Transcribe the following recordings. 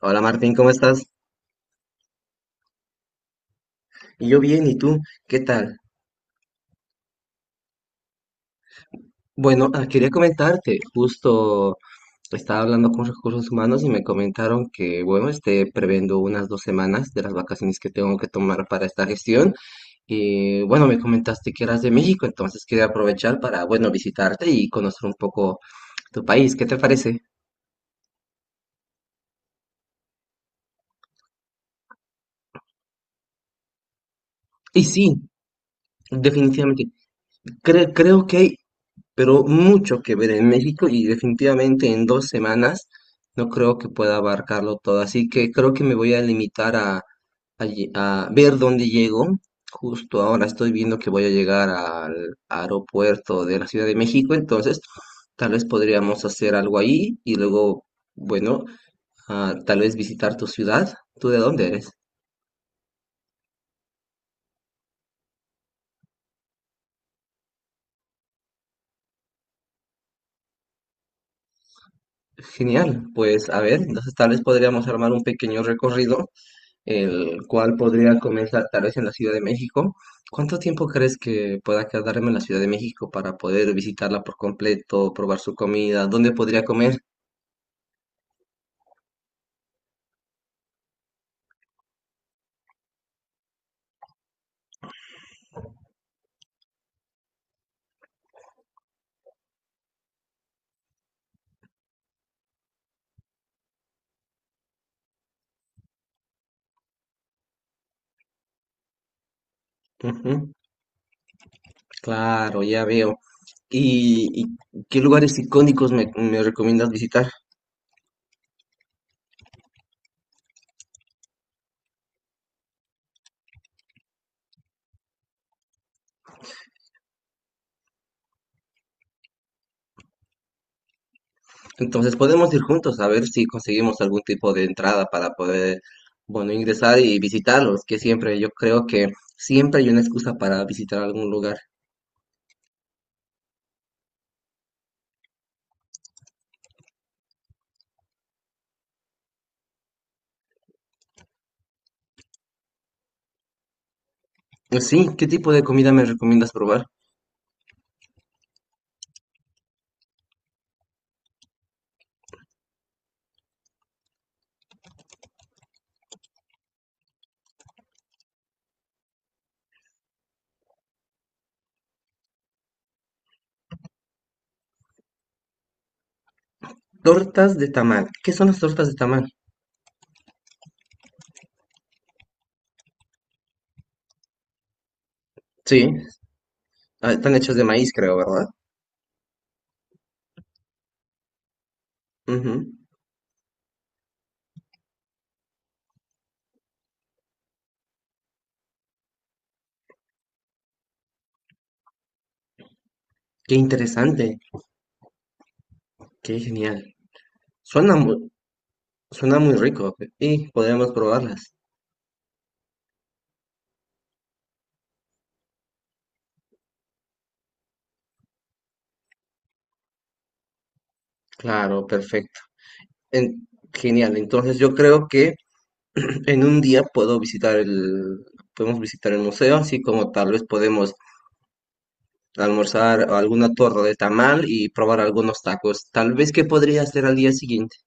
Hola Martín, ¿cómo estás? Y yo bien, ¿y tú? ¿Qué tal? Bueno, Quería comentarte, justo estaba hablando con recursos humanos y me comentaron que, bueno, esté previendo unas 2 semanas de las vacaciones que tengo que tomar para esta gestión. Y bueno, me comentaste que eras de México, entonces quería aprovechar para, bueno, visitarte y conocer un poco tu país. ¿Qué te parece? Y sí, definitivamente. Creo que hay pero mucho que ver en México, y definitivamente en 2 semanas no creo que pueda abarcarlo todo, así que creo que me voy a limitar a, a ver dónde llego. Justo ahora estoy viendo que voy a llegar al aeropuerto de la Ciudad de México, entonces tal vez podríamos hacer algo ahí y luego, bueno, tal vez visitar tu ciudad. ¿Tú de dónde eres? Genial, pues a ver, entonces tal vez podríamos armar un pequeño recorrido el cual podría comenzar tal vez en la Ciudad de México. ¿Cuánto tiempo crees que pueda quedarme en la Ciudad de México para poder visitarla por completo, probar su comida? ¿Dónde podría comer? Ujú. Claro, ya veo. ¿Y qué lugares icónicos me recomiendas visitar? Entonces podemos ir juntos a ver si conseguimos algún tipo de entrada para poder, bueno, ingresar y visitarlos, que siempre yo creo que siempre hay una excusa para visitar algún lugar. Sí, ¿qué tipo de comida me recomiendas probar? Tortas de tamal. ¿Qué son las tortas de tamal? Sí, están hechas de maíz, creo, ¿verdad? Ujú. Qué interesante, qué genial. Suena muy, Suena muy rico y podríamos probarlas. Claro, perfecto. En- Genial. Entonces yo creo que en un día puedo visitar podemos visitar el museo, así como tal vez podemos almorzar alguna torta de tamal y probar algunos tacos. Tal vez que podría hacer al día siguiente.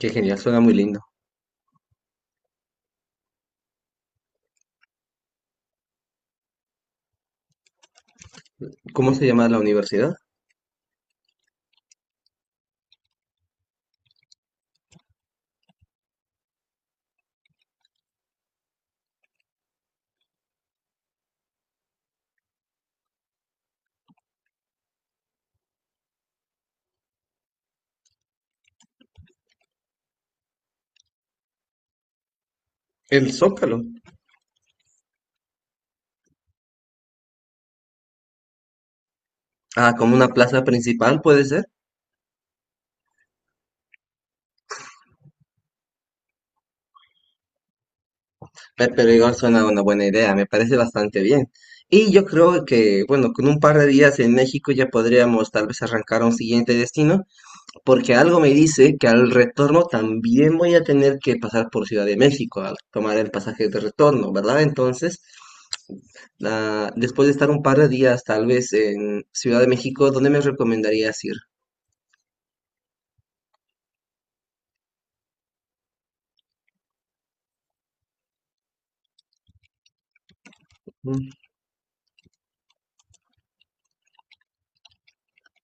Qué genial, suena muy lindo. ¿Cómo se llama la universidad? El Zócalo. Ah, como una plaza principal puede ser. Pero igual suena una buena idea, me parece bastante bien. Y yo creo que, bueno, con un par de días en México ya podríamos tal vez arrancar a un siguiente destino, porque algo me dice que al retorno también voy a tener que pasar por Ciudad de México al tomar el pasaje de retorno, ¿verdad? Entonces, después de estar un par de días tal vez en Ciudad de México, ¿dónde me recomendarías ir? Mm.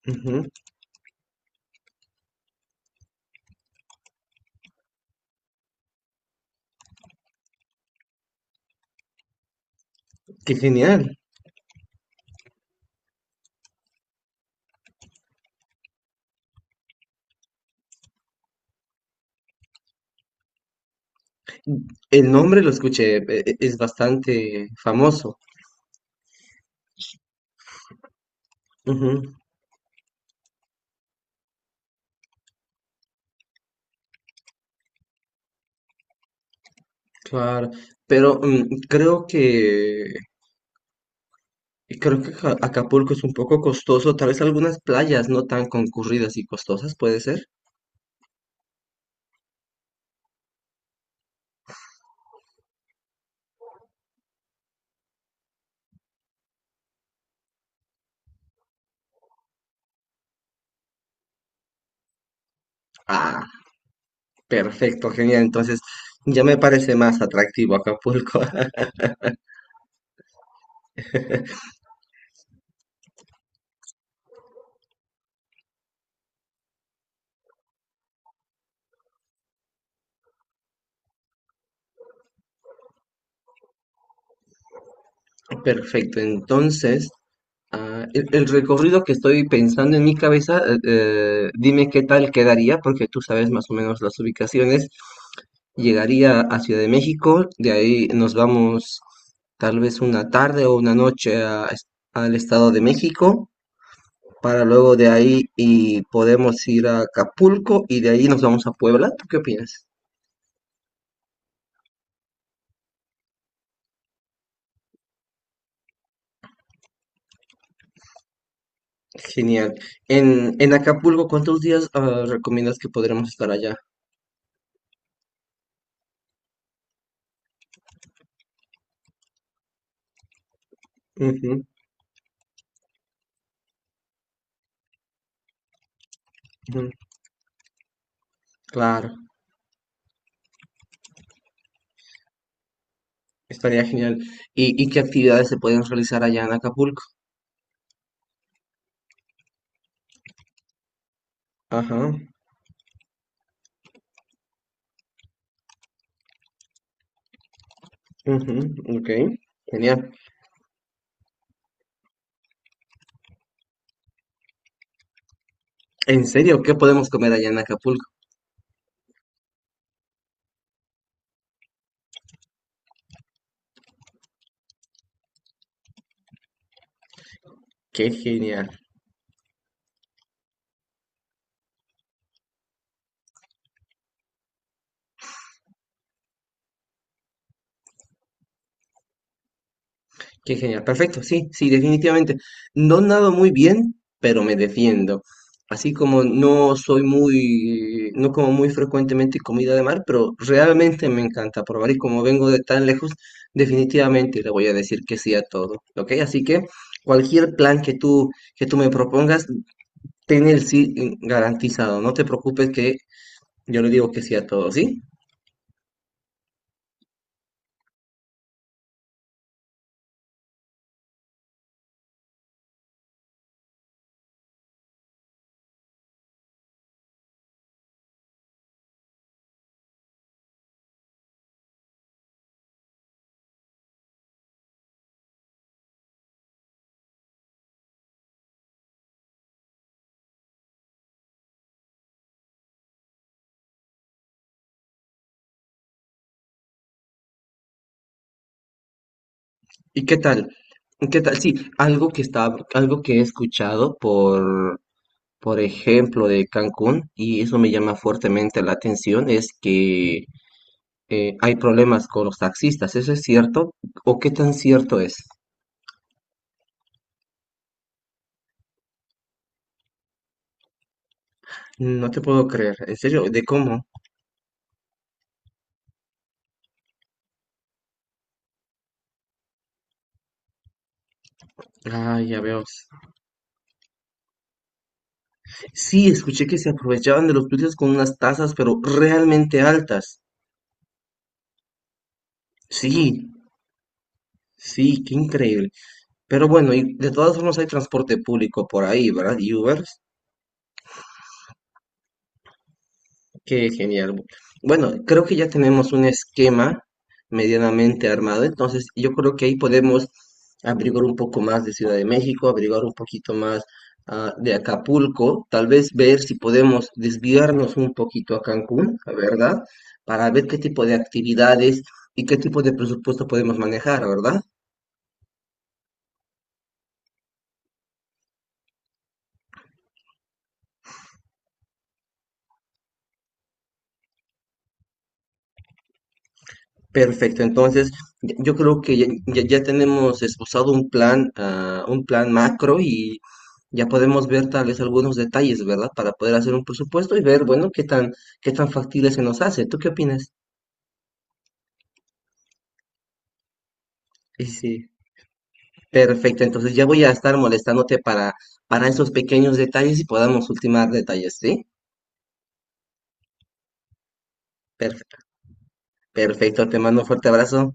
Ujú. Qué genial. El nombre lo escuché. Es bastante famoso. Ujú, claro, pero mm, creo que Acapulco es un poco costoso, tal vez algunas playas no tan concurridas y costosas, ¿puede ser? Ah, perfecto, genial, entonces ya me parece más atractivo Acapulco. Perfecto, entonces, el recorrido que estoy pensando en mi cabeza, dime qué tal quedaría, porque tú sabes más o menos las ubicaciones. Llegaría a Ciudad de México, de ahí nos vamos tal vez una tarde o una noche a al Estado de México, para luego de ahí y podemos ir a Acapulco y de ahí nos vamos a Puebla. ¿Tú qué opinas? Genial. En Acapulco, ¿cuántos días recomiendas que podremos estar allá? Ujú, ujú. Claro, estaría genial. ¿Y qué actividades se pueden realizar allá en Acapulco? Ajá, ujú, ok, genial. En serio, ¿qué podemos comer allá en Acapulco? Qué genial, qué genial. Perfecto, sí, sí, definitivamente. No nado muy bien, pero me defiendo. Así como no soy muy, no como muy frecuentemente comida de mar, pero realmente me encanta probar y como vengo de tan lejos, definitivamente le voy a decir que sí a todo, ¿ok? Así que cualquier plan que tú me propongas, ten el sí garantizado, no te preocupes que yo le digo que sí a todo, ¿sí? ¿Y qué tal? ¿Qué tal? Sí, algo que está, algo que he escuchado por ejemplo, de Cancún, y eso me llama fuertemente la atención, es que hay problemas con los taxistas, ¿eso es cierto? ¿O qué tan cierto es? No te puedo creer, en serio, ¿de cómo? Ah, ya veo. Sí, escuché que se aprovechaban de los turistas con unas tasas, pero realmente altas. Sí, sí, qué increíble. Pero bueno, y de todas formas hay transporte público por ahí, ¿verdad? Y Ubers, qué genial. Bueno, creo que ya tenemos un esquema medianamente armado, entonces yo creo que ahí podemos averiguar un poco más de Ciudad de México, averiguar un poquito más de Acapulco, tal vez ver si podemos desviarnos un poquito a Cancún, ¿verdad? Para ver qué tipo de actividades y qué tipo de presupuesto podemos manejar, ¿verdad? Perfecto, entonces yo creo que ya tenemos esbozado un plan, un plan macro y ya podemos ver tal vez algunos detalles, ¿verdad? Para poder hacer un presupuesto y ver, bueno, qué tan factible se nos hace. ¿Tú qué opinas? Y sí, perfecto, entonces ya voy a estar molestándote para esos pequeños detalles y podamos ultimar detalles, ¿sí? Perfecto, perfecto, te mando un fuerte abrazo.